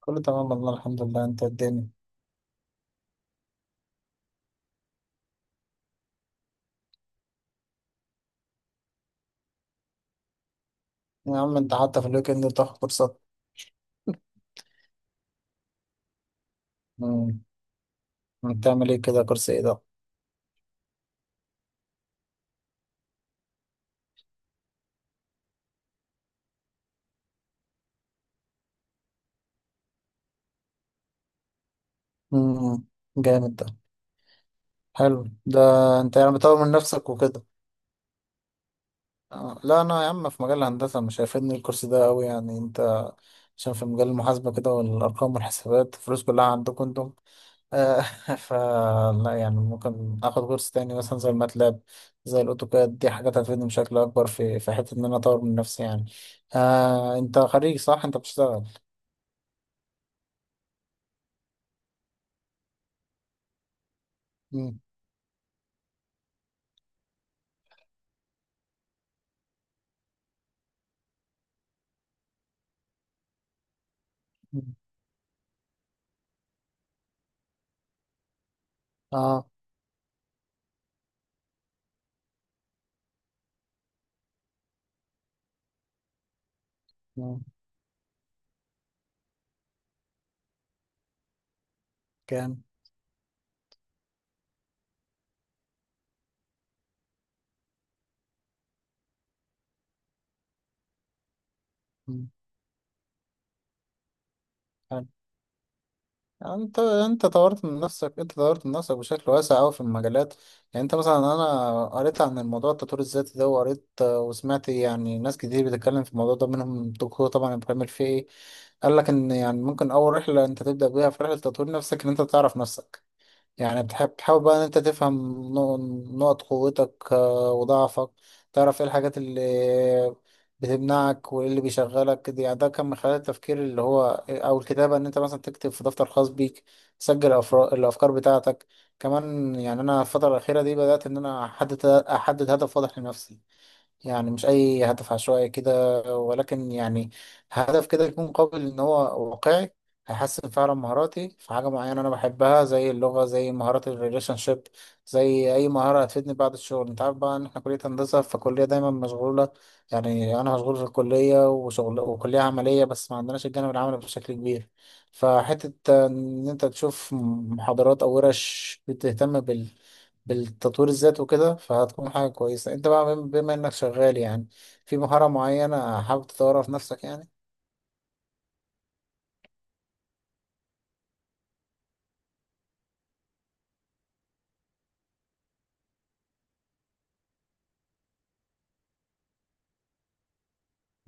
كله تمام والله، الحمد لله. انت؟ الدنيا؟ يا عم انت حتى في الويكند بتاخد كورسات؟ امم. بتعمل ايه كده؟ كورس ايه ده؟ امم. جامد ده. حلو ده. انت يعني بتطور من نفسك وكده؟ اه، لا، انا يا عم في مجال الهندسه مش هيفيدني الكورس ده قوي يعني. انت عشان في مجال المحاسبه كده والارقام والحسابات الفلوس كلها عندكم انتم. آه، فلا يعني ممكن اخد كورس تاني مثلا زي الماتلاب، زي الاوتوكاد، دي حاجات هتفيدني بشكل اكبر في حته ان انا اطور من نفسي يعني. آه، انت خريج صح؟ انت بتشتغل؟ مم. مم. اه. مم. كام؟ مم. يعني انت طورت من نفسك، انت طورت من نفسك بشكل واسع قوي في المجالات. يعني انت مثلا، انا قريت عن الموضوع التطوير الذاتي ده وقريت وسمعت يعني ناس كتير بتتكلم في الموضوع ده، منهم الدكتور طبعا ابراهيم الفقي. قال لك ان يعني ممكن اول رحله انت تبدا بيها في رحله تطوير نفسك ان انت تعرف نفسك. يعني بتحب تحاول بقى ان انت تفهم نقط قوتك وضعفك، تعرف ايه الحاجات اللي بتمنعك وايه اللي بيشغلك. دي يعني ده كان من خلال التفكير، اللي هو او الكتابة، ان انت مثلا تكتب في دفتر خاص بيك، تسجل الافكار بتاعتك. كمان يعني انا الفترة الأخيرة دي بدأت ان انا احدد هدف واضح لنفسي. يعني مش أي هدف عشوائي كده، ولكن يعني هدف كده يكون قابل إن هو واقعي، هيحسن فعلا مهاراتي في حاجة معينة أنا بحبها، زي اللغة، زي مهارات الريليشن شيب، زي أي مهارة هتفيدني بعد الشغل. أنت عارف بقى إن إحنا كلية هندسة، فالكلية دايما مشغولة. يعني أنا مشغول في الكلية وشغل، وكلية عملية بس ما عندناش الجانب العملي بشكل كبير. فحتة إن أنت تشوف محاضرات أو ورش بتهتم بالتطوير الذاتي وكده فهتكون حاجة كويسة. انت بقى بما انك شغال يعني في مهارة معينة حابب تطورها في نفسك يعني.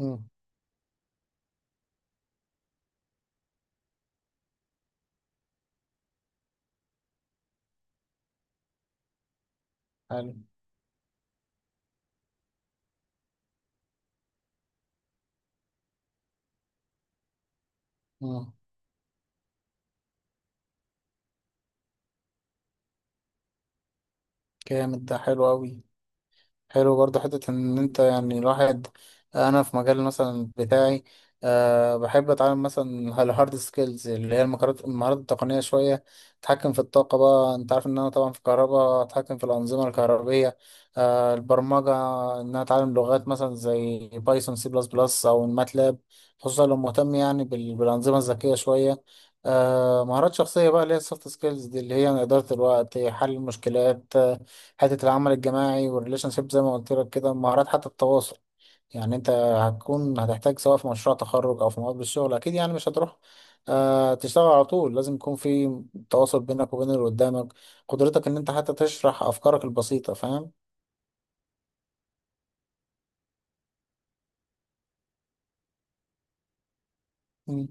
امم. حلو. امم. جامد ده. حلو اوي. حلو برضه حتة إن أنت يعني الواحد. أنا في مجال مثلا بتاعي، أه، بحب أتعلم مثلا الهارد سكيلز، اللي هي المهارات التقنية شوية. أتحكم في الطاقة بقى، أنت عارف إن أنا طبعا في الكهرباء، أتحكم في الأنظمة الكهربية. أه، البرمجة، إن أنا أتعلم لغات مثلا زي بايثون، سي بلس بلس، أو الماتلاب، خصوصا لو مهتم يعني بالأنظمة الذكية شوية. أه، مهارات شخصية بقى اللي هي السوفت سكيلز دي، اللي هي إدارة الوقت، حل المشكلات، حته العمل الجماعي، والريليشن شيب زي ما قلت لك كده، مهارات حتى التواصل. يعني انت هتحتاج سواء في مشروع تخرج او في مقابل الشغل، اكيد يعني مش هتروح تشتغل على طول، لازم يكون في تواصل بينك وبين اللي قدامك، قدرتك ان انت حتى تشرح افكارك البسيطه، فاهم. مم.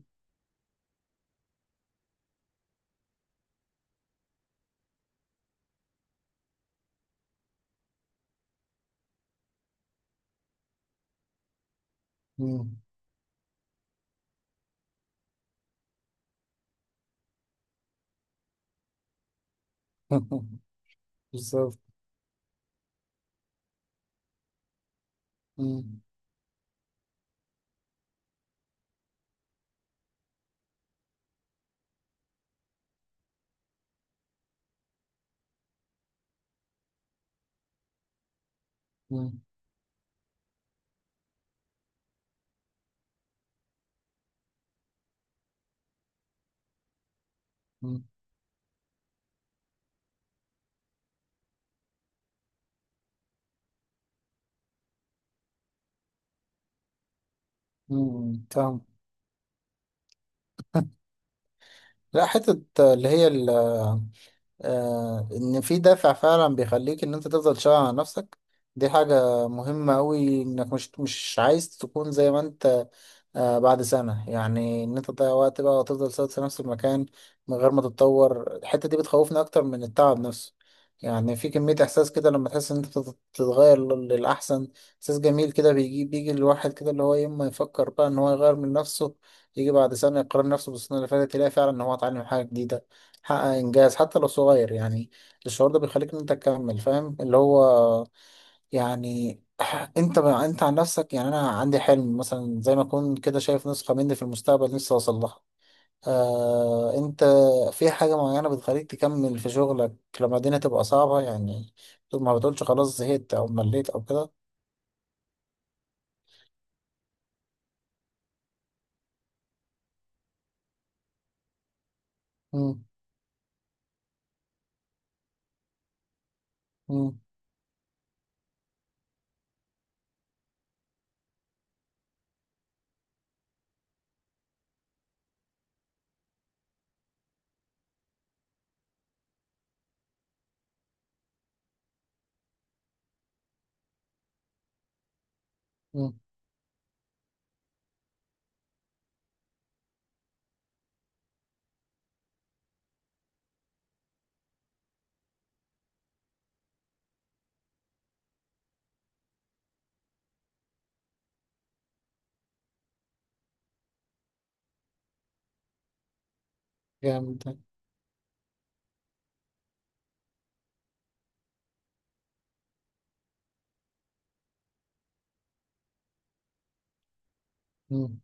مم. بالظبط. مم. مم. مم. مم. فاهم. لا حته اللي هي ان في دافع فعلا بيخليك ان انت تفضل شغال على نفسك. دي حاجة مهمة قوي، انك مش عايز تكون زي ما انت بعد سنة يعني إن أنت تضيع وقت بقى وتفضل ثابت في نفس المكان من غير ما تتطور. الحتة دي بتخوفني أكتر من التعب نفسه. يعني في كمية إحساس كده لما تحس إن أنت بتتغير للأحسن. إحساس جميل كده بيجي، الواحد كده اللي هو يوم ما يفكر بقى إن هو يغير من نفسه، يجي بعد سنة يقارن نفسه بالسنة اللي فاتت يلاقي فعلا إن هو اتعلم حاجة جديدة، حقق إنجاز حتى لو صغير يعني. الشعور ده بيخليك إن أنت تكمل، فاهم اللي هو يعني؟ انت عن نفسك، يعني انا عندي حلم مثلا زي ما اكون كده شايف نسخة مني في المستقبل لسه اوصل لها. آه، انت في حاجة معينة بتخليك تكمل في شغلك لما الدنيا تبقى صعبة يعني، ما بتقولش خلاص زهقت او مليت او كده؟ مم. مم. مم. جامد ده.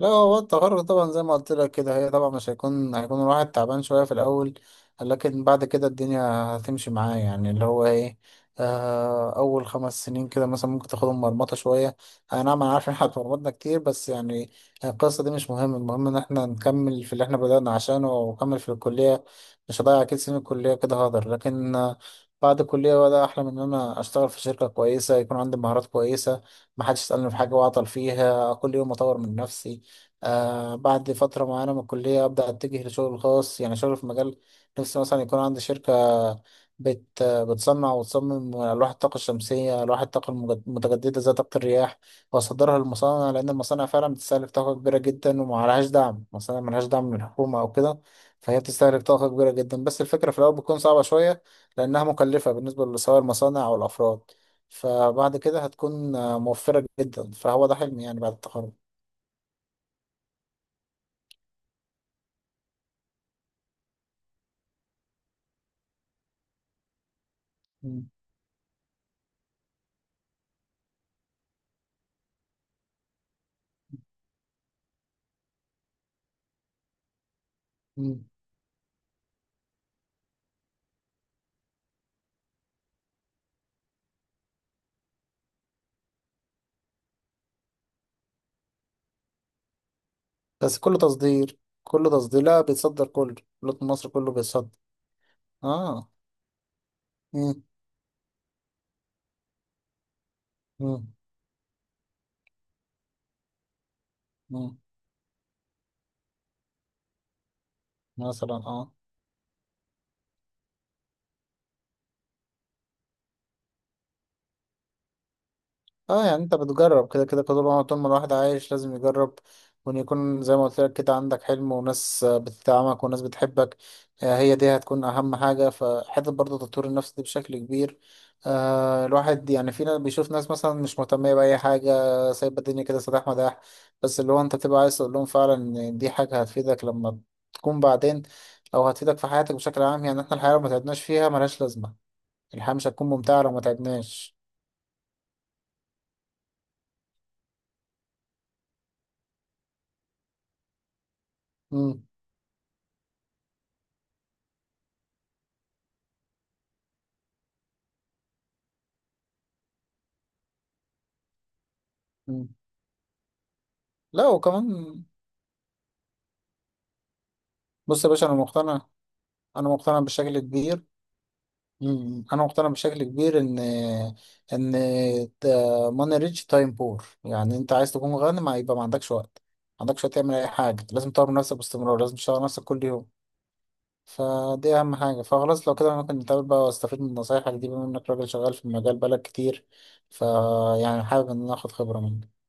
لا هو التغرق طبعا زي ما قلت لك كده، هي طبعا مش هيكون، الواحد تعبان شوية في الأول، لكن بعد كده الدنيا هتمشي معاه. يعني اللي هو ايه، أول 5 سنين كده مثلا ممكن تاخدهم مرمطة شوية. أنا، نعم، أنا عارف إن احنا اتمرمطنا كتير، بس يعني القصة دي مش مهم. المهم إن احنا نكمل في اللي احنا بدأنا عشانه، ونكمل في الكلية. مش هضيع أكيد سنين الكلية كده، هقدر. لكن بعد الكلية بقى، ده أحلم إن أنا أشتغل في شركة كويسة، يكون عندي مهارات كويسة، محدش يسألني في حاجة وأعطل فيها، كل يوم أطور من نفسي. بعد فترة معينة من الكلية أبدأ أتجه لشغل خاص، يعني شغل في مجال. نفسي مثلا يكون عندي شركة بتصنع وتصمم ألواح الطاقة الشمسية، ألواح الطاقة المتجددة زي طاقة الرياح، وأصدرها للمصانع، لأن المصانع فعلا بتستهلك طاقة كبيرة جدا ومعلهاش دعم. المصانع ملهاش دعم من الحكومة أو كده، فهي بتستهلك طاقة كبيرة جدا. بس الفكرة في الأول بتكون صعبة شوية لأنها مكلفة بالنسبة سواء المصانع أو الأفراد، فبعد كده هتكون موفرة جدا. فهو ده حلمي يعني بعد التخرج. مم. بس كله تصدير؟ كله تصدير؟ لا، بيتصدر كله، لوت مصر كله بيتصدر. اه. مم. مم. مم. مثلا اه. اه، يعني انت بتجرب، كده كده كده طول ما الواحد عايش لازم يجرب، وان يكون زي ما قلت لك كده عندك حلم، وناس بتدعمك، وناس بتحبك. آه، هي دي هتكون اهم حاجة. فحتة برضه تطوير النفس دي بشكل كبير، آه، الواحد يعني، في ناس بيشوف ناس مثلا مش مهتمية بأي حاجة، سايبة الدنيا كده سداح مداح، بس اللي هو انت بتبقى عايز تقول لهم فعلا ان دي حاجة هتفيدك لما تكون بعدين، او هتفيدك في حياتك بشكل عام. يعني احنا الحياة لو ما تعبناش فيها ملهاش لازمة، الحياة مش هتكون ممتعة لو ما تعبناش. مم. مم. لا، وكمان بص يا باشا انا مقتنع، انا مقتنع بشكل كبير. مم. انا مقتنع بشكل كبير ان ماني ريتش تايم بور، يعني انت عايز تكون غني ما يبقى ما عندكش وقت، ما عندكش وقت تعمل اي حاجه. لازم تطور من نفسك باستمرار، لازم تشتغل على نفسك كل يوم. فدي اهم حاجه. فخلاص لو كده أنا ممكن نتقابل بقى واستفيد من نصايحك دي، بما انك راجل شغال في المجال بقالك كتير، فيعني حابب ان انا اخد خبره منك.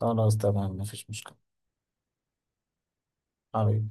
خلاص، تمام، مفيش مشكله، حبيبي.